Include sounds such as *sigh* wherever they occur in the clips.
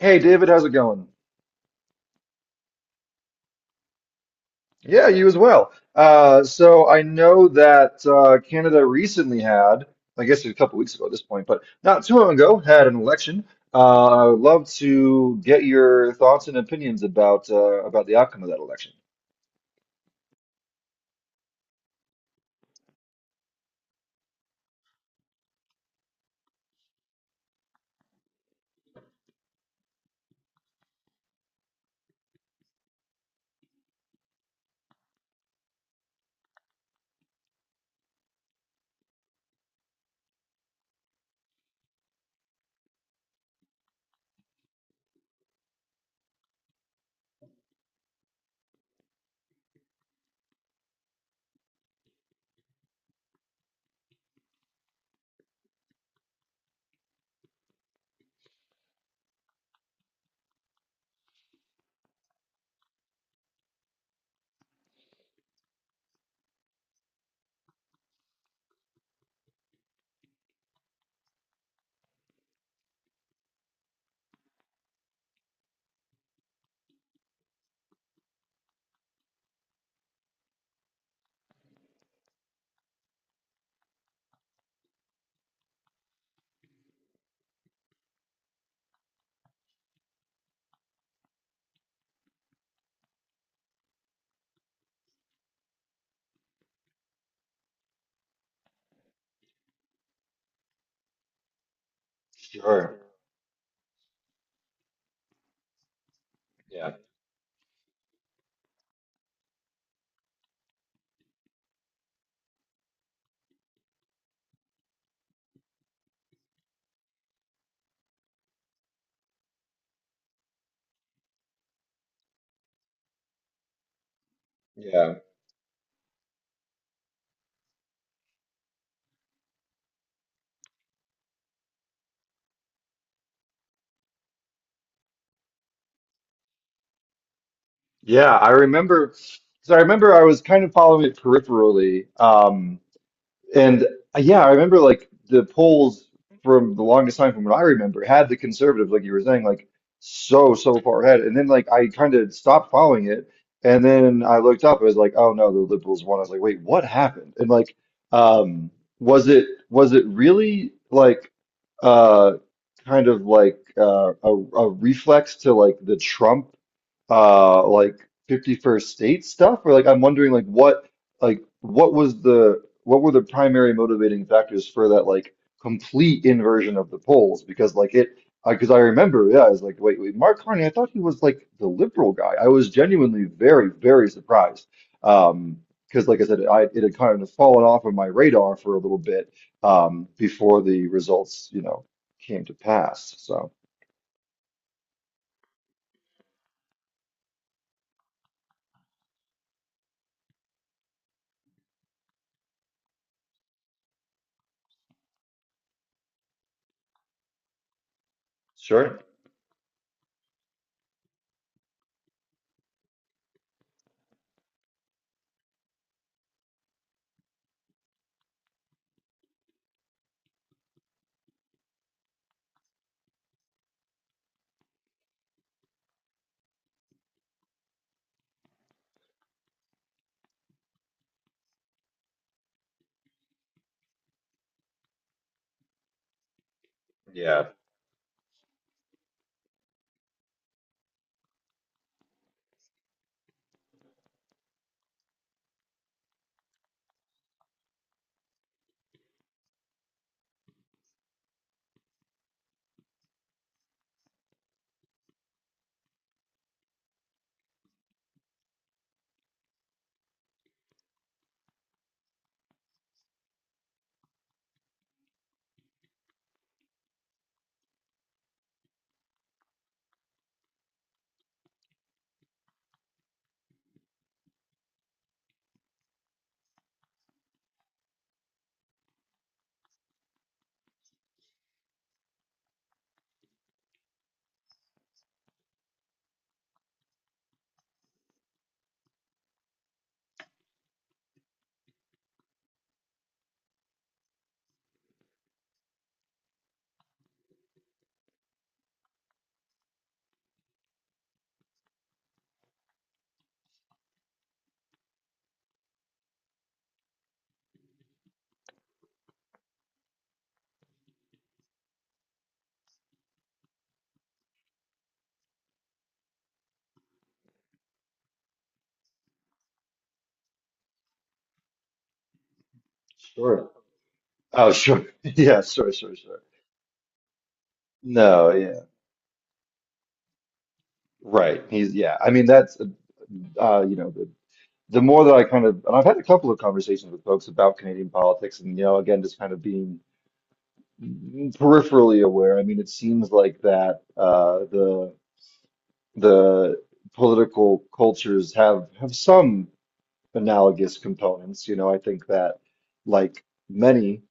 Hey David, how's it going? Yeah, you as well. So I know that Canada recently I guess a couple weeks ago at this point, but not too long ago, had an election. I would love to get your thoughts and opinions about the outcome of that election. Sure. Yeah. Yeah. Yeah, I remember. So I remember I was kind of following it peripherally. And Yeah, I remember like the polls from the longest time from what I remember had the conservatives, like you were saying, like so far ahead. And then like I kind of stopped following it. And then I looked up, I was like, oh no, the liberals won. I was like, wait, what happened? Um, was it really like uh kind of like a reflex to like the Trump like 51st state stuff, or like I'm wondering like what was the what were the primary motivating factors for that, like complete inversion of the polls? Because like it I because I remember, yeah, I was like, wait, Mark Carney? I thought he was like the liberal guy. I was genuinely very surprised. um because like I said, I it had kind of fallen off of my radar for a little bit before the results, came to pass. So sure. Yeah. Sure. Oh, sure. *laughs* Yeah, sure, sure, sure. No, yeah, right. He's. I mean, that's you know, the more that I kind of, and I've had a couple of conversations with folks about Canadian politics, and you know, again, just kind of being peripherally aware. I mean, it seems like that the the political cultures have some analogous components. You know, I think that like many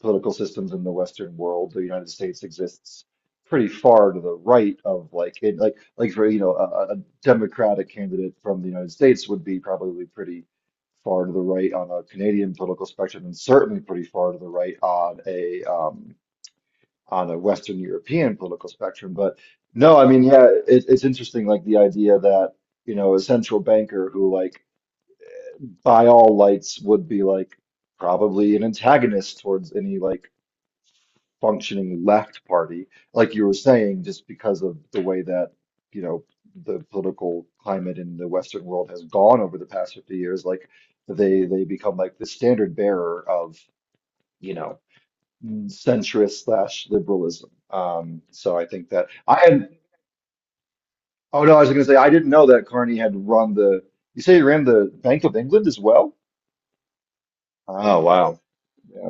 political systems in the Western world. The United States exists pretty far to the right of like like for, you know, a Democratic candidate from the United States would be probably pretty far to the right on a Canadian political spectrum, and certainly pretty far to the right on a Western European political spectrum. But no, I mean, yeah, it's interesting, like the idea that you know a central banker who like by all lights would be like probably an antagonist towards any like functioning left party, like you were saying, just because of the way that, you know, the political climate in the Western world has gone over the past 50 years, like they become like the standard bearer of, you know, centrist slash liberalism. So I think that I and Oh no, I was gonna say I didn't know that Carney had run the, you say he ran the Bank of England as well? Oh wow. Yeah.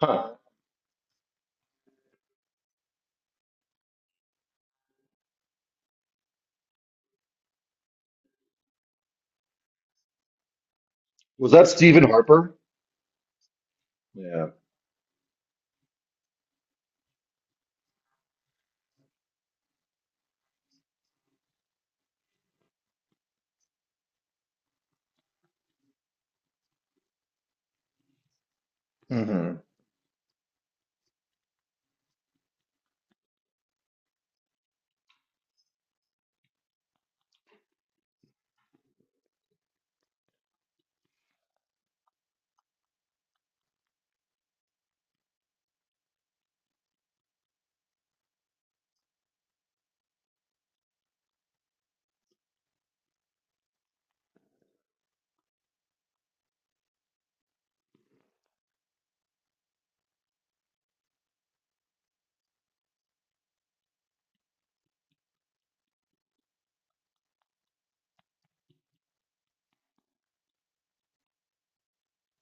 Huh. Was that Stephen Harper? Yeah. Hmm.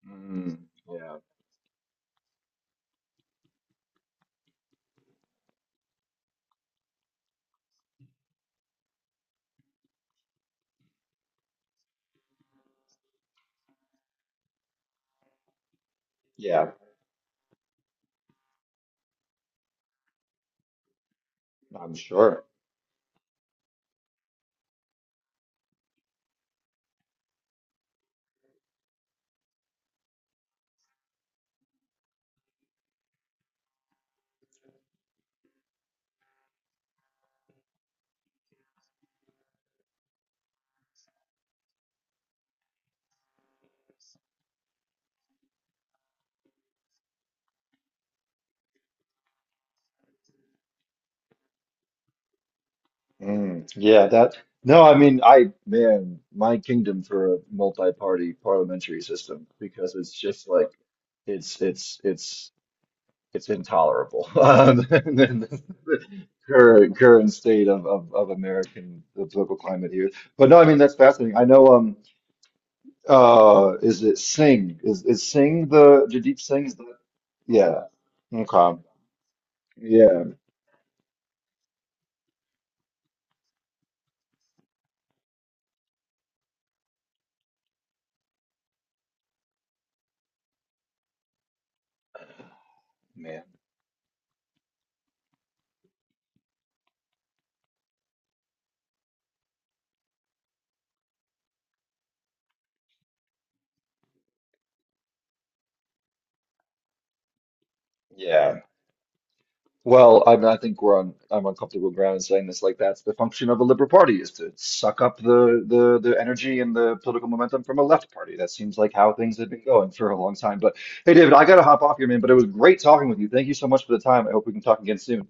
Mm, yeah. Yeah. I'm sure. Mm, yeah, that. No, I mean, I, man, my kingdom for a multi-party parliamentary system, because it's just like, it's, it's, it's, it's intolerable. *laughs* And then the current state of American the political climate here. But no, I mean, that's fascinating. I know, is it Singh? Is Singh the Jadeep Singh's the, yeah. Okay. Yeah, man. Yeah. Well, I mean, I think we're on I'm on comfortable ground in saying this. Like that's the function of a liberal party is to suck up the energy and the political momentum from a left party. That seems like how things have been going for a long time. But hey, David, I gotta hop off here, man. But it was great talking with you. Thank you so much for the time. I hope we can talk again soon.